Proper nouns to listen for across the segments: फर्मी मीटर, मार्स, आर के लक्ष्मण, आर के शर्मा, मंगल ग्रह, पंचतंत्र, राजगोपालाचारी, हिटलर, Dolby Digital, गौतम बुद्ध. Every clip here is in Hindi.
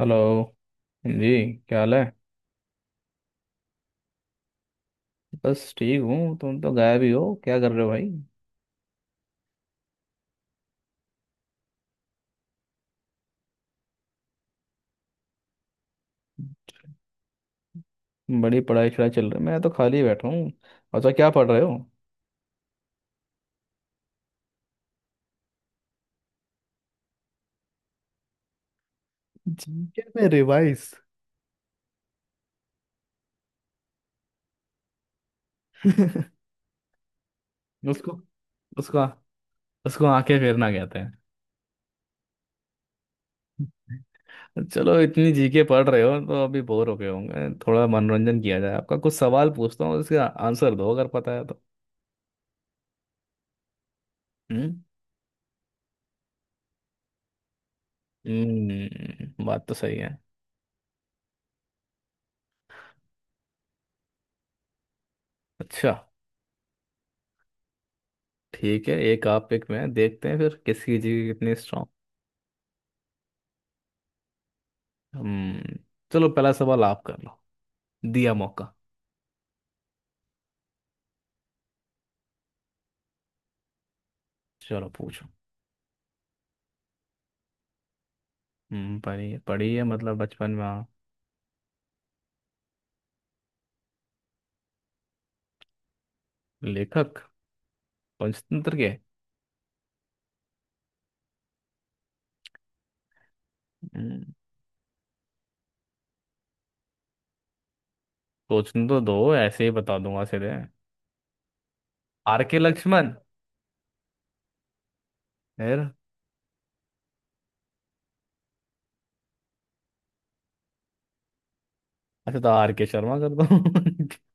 हेलो जी। क्या हाल है। बस ठीक हूँ। तुम तो गायब ही हो, क्या कर रहे हो भाई। बड़ी पढ़ाई शढ़ाई चल रही है। मैं तो खाली बैठा हूँ। अच्छा, क्या पढ़ रहे हो। जीके में रिवाइज। उसको उसको उसको आंखें फेरना कहते हैं। चलो, इतनी जीके पढ़ रहे हो तो अभी बोर हो गए होंगे। थोड़ा मनोरंजन किया जाए आपका। कुछ सवाल पूछता हूँ, उसका आंसर दो अगर पता है तो। हम्म। बात तो सही है। अच्छा, ठीक है। एक आप एक मैं, देखते हैं फिर किसकी जीके कितनी। हम्म चलो, पहला सवाल आप कर लो। दिया मौका। चलो, पूछो। पढ़ी पढ़ी है, मतलब बचपन में हाँ। लेखक, पंचतंत्र के। हम्म, सोचने तो दो, ऐसे ही बता दूंगा सीधे। आर के लक्ष्मण। फिर? अच्छा, तो आर के शर्मा कर दो।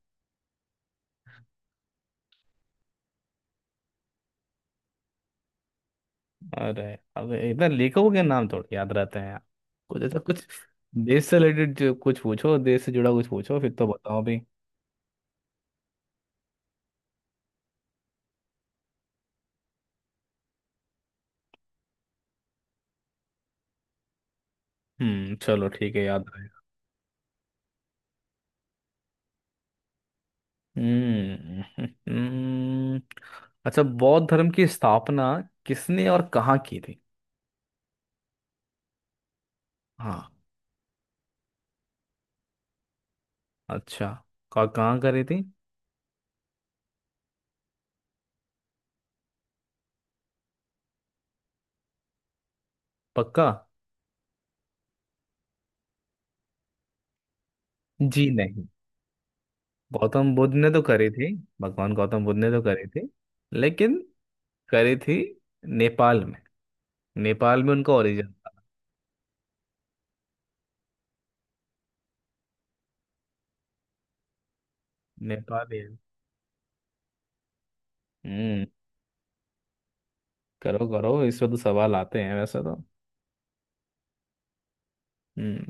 अरे अब इतना लेखकों के नाम थोड़ी याद रहते हैं यार। कुछ ऐसा कुछ, देश से रिलेटेड कुछ पूछो, देश से जुड़ा कुछ पूछो, फिर तो बताओ भी। चलो ठीक है, याद रहेगा। हम्म। अच्छा, बौद्ध धर्म की स्थापना किसने और कहाँ की थी। हाँ। अच्छा, कहाँ कहाँ करी थी। पक्का? जी नहीं। गौतम बुद्ध ने तो करी थी। भगवान गौतम बुद्ध ने तो करी थी, लेकिन करी थी नेपाल में। नेपाल में उनका ओरिजिन था। नेपाली। हम्म। करो करो, इस पे तो सवाल आते हैं वैसे तो। हम्म।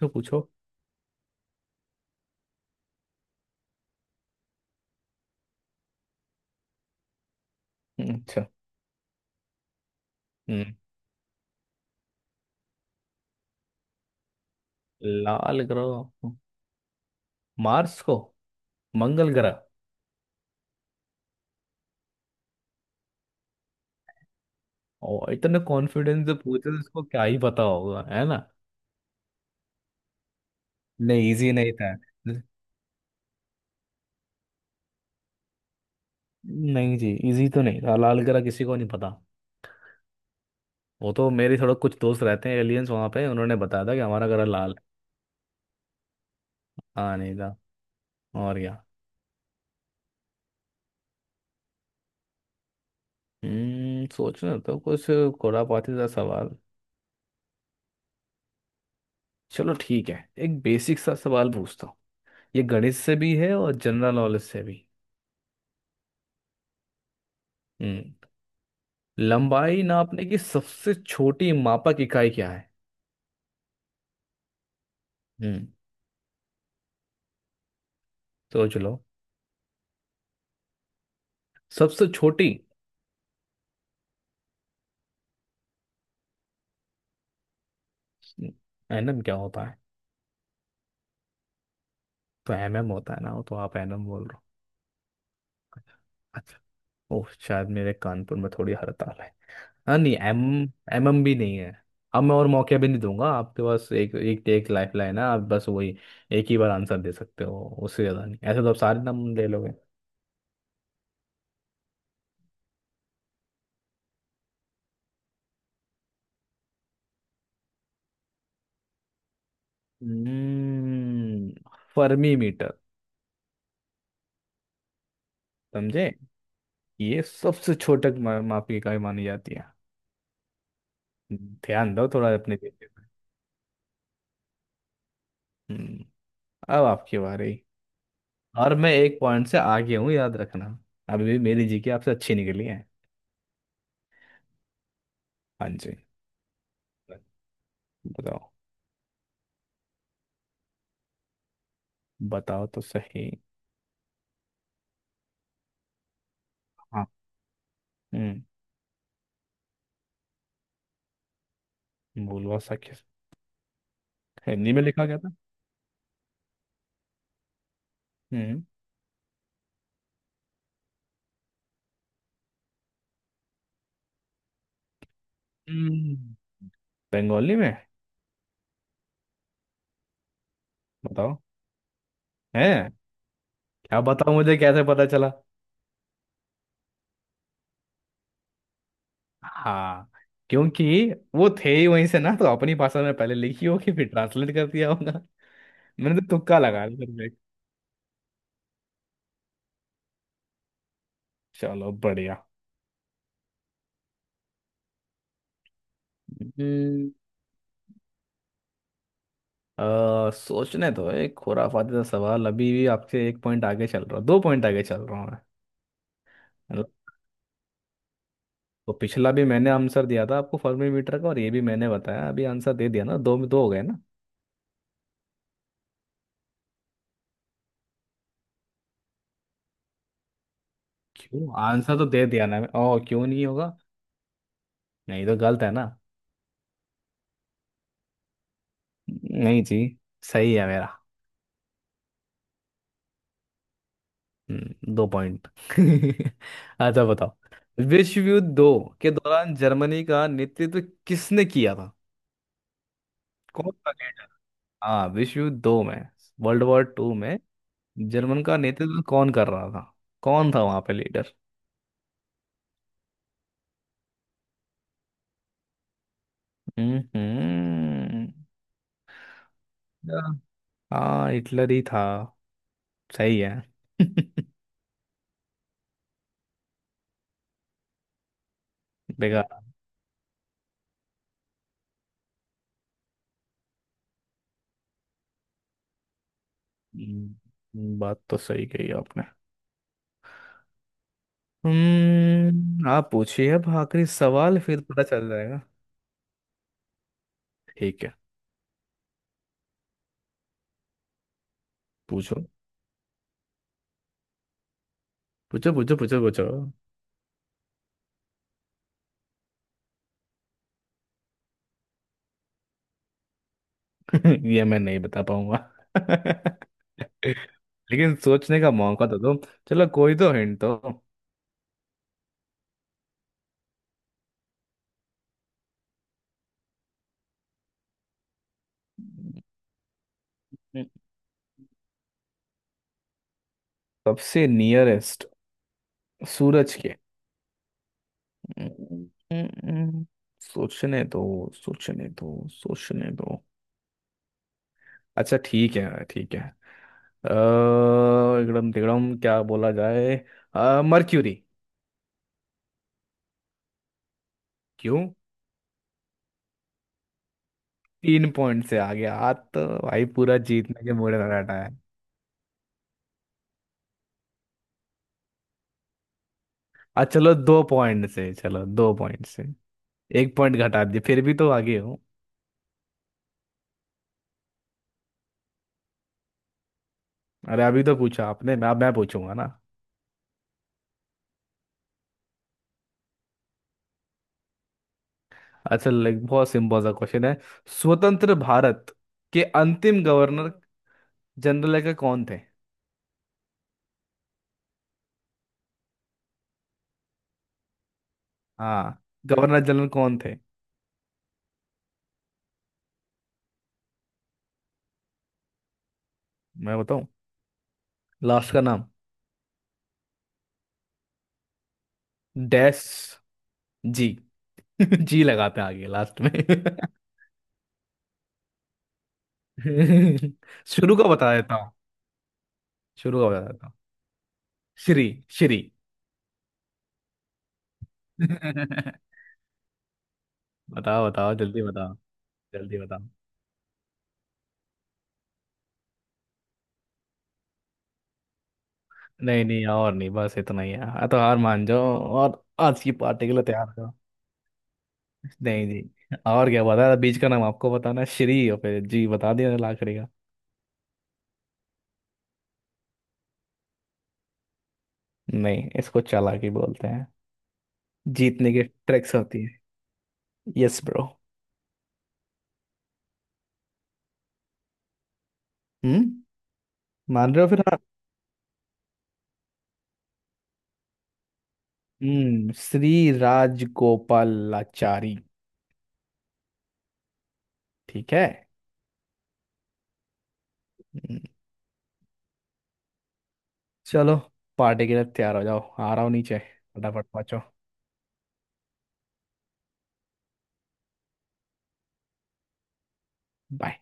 पूछो पूछो। अच्छा। हम्म लाल ग्रह। मार्स को। मंगल ग्रह। और इतना कॉन्फिडेंस से पूछे तो उसको क्या ही पता होगा, है ना। नहीं, इजी नहीं था। नहीं जी, इजी तो नहीं था, लाल ग्रह किसी को नहीं पता। वो तो मेरे थोड़ा कुछ दोस्त रहते हैं एलियंस, वहां पे उन्होंने बताया था कि हमारा ग्रह लाल है। हाँ, नहीं था। और क्या। सोचना तो कुछ, खुरापाती सा सवाल। चलो ठीक है, एक बेसिक सा सवाल पूछता हूँ। ये गणित से भी है और जनरल नॉलेज से भी। हम्म लंबाई नापने की सबसे छोटी मापक इकाई क्या है। हम्म सोच लो। सबसे छोटी। एनम क्या होता है। तो एम एम होता है ना, वो तो आप एनम बोल रहे हो। अच्छा। ओह, शायद मेरे कानपुर में थोड़ी हड़ताल है। हाँ नहीं, एम एम एम भी नहीं है। अब मैं और मौके भी नहीं दूंगा, आपके पास एक एक एक लाइफ लाइन है। आप बस वही एक ही बार आंसर दे सकते हो, उससे ज़्यादा नहीं। ऐसे तो आप सारे नाम ले लोगे। हम्म फर्मी मीटर। समझे। ये सबसे छोटक माप की इकाई मानी जाती है। ध्यान दो थोड़ा अपने देश में। हम्म अब आपकी बारी। और मैं एक पॉइंट से आगे हूँ, याद रखना। अभी भी मेरी जीके आपसे अच्छी निकली है। हाँ जी। बताओ। बताओ तो सही। हाँ। हम्म भूलवा सा, किस हिंदी में लिखा गया था। हम्म। हम्म, बंगाली में। बताओ। है। क्या बताओ, मुझे कैसे पता चला। हाँ। क्योंकि वो थे ही वहीं से ना, तो अपनी भाषा में पहले लिखी होगी, फिर ट्रांसलेट कर दिया होगा। मैंने तो तुक्का लगा लिया। चलो, बढ़िया। हम्म सोचने तो एक खुराफाती सा सवाल। अभी भी आपसे एक पॉइंट आगे चल रहा हूँ, दो पॉइंट आगे चल रहा हूँ मैं। मतलब, तो पिछला भी मैंने आंसर दिया था आपको, फर्मी मीटर का। और ये भी मैंने बताया अभी, आंसर दे दिया ना, दो में दो हो गए ना। क्यों, आंसर तो दे दिया ना मैं, ओ क्यों नहीं होगा। नहीं तो गलत है ना। नहीं जी, सही है मेरा। दो पॉइंट अच्छा, बताओ। विश्व युद्ध दो के दौरान जर्मनी का नेतृत्व किसने किया था। कौन सा leader? हाँ, विश्व युद्ध दो में। वर्ल्ड वॉर टू में। जर्मन का नेतृत्व कौन कर रहा था। कौन था वहां पे लीडर। हम्म। या- हाँ, हिटलर ही था। सही है। बेकार। बात तो सही कही आपने। आप पूछिए अब, आखिरी सवाल फिर पता चल जाएगा। ठीक है। पूछो पूछो पूछो पूछो पूछो। ये मैं नहीं बता पाऊंगा। लेकिन सोचने का मौका तो दो। चलो, कोई तो हिंट तो। सबसे नियरेस्ट सूरज के। हम्म, सोचने दो, सोचने दो, सोचने दो। अच्छा ठीक है, ठीक है। अ, एकदम तिगड़म, क्या बोला जाए। मर्क्यूरी। क्यों। तीन पॉइंट से आगे आज, तो भाई पूरा जीतने के मूड में बैठा है। आ चलो, दो पॉइंट से, चलो दो पॉइंट से। एक पॉइंट घटा दिए, फिर भी तो आगे हो। अरे अभी तो पूछा आपने, मैं पूछूंगा ना। अच्छा, लाइक बहुत सिंपल सा क्वेश्चन है। स्वतंत्र भारत के अंतिम गवर्नर जनरल का कौन थे। हाँ, गवर्नर जनरल कौन थे। मैं बताऊं। लास्ट का नाम। डैश। जी। जी लगाते हैं आगे लास्ट में। शुरू का बता देता हूँ। शुरू का बता देता हूँ। श्री। श्री। बताओ। बताओ, जल्दी बताओ। जल्दी बताओ। नहीं नहीं और नहीं, बस इतना ही है। हाँ, तो हार मान जाओ और आज की पार्टी के लिए तैयार करो। नहीं जी, और क्या बता था, बीज का नाम आपको बताना है, श्री और फिर जी बता दिया लाकड़ी का। नहीं, इसको चालाकी बोलते हैं। जीतने की ट्रिक्स होती। Yes bro. हम्म मान रहे हो फिर, हाँ। श्री राजगोपालाचारी। ठीक है। हम्म, चलो, पार्टी के लिए तैयार हो जाओ, आ रहा हूँ नीचे, फटाफट पहुंचो। बाय।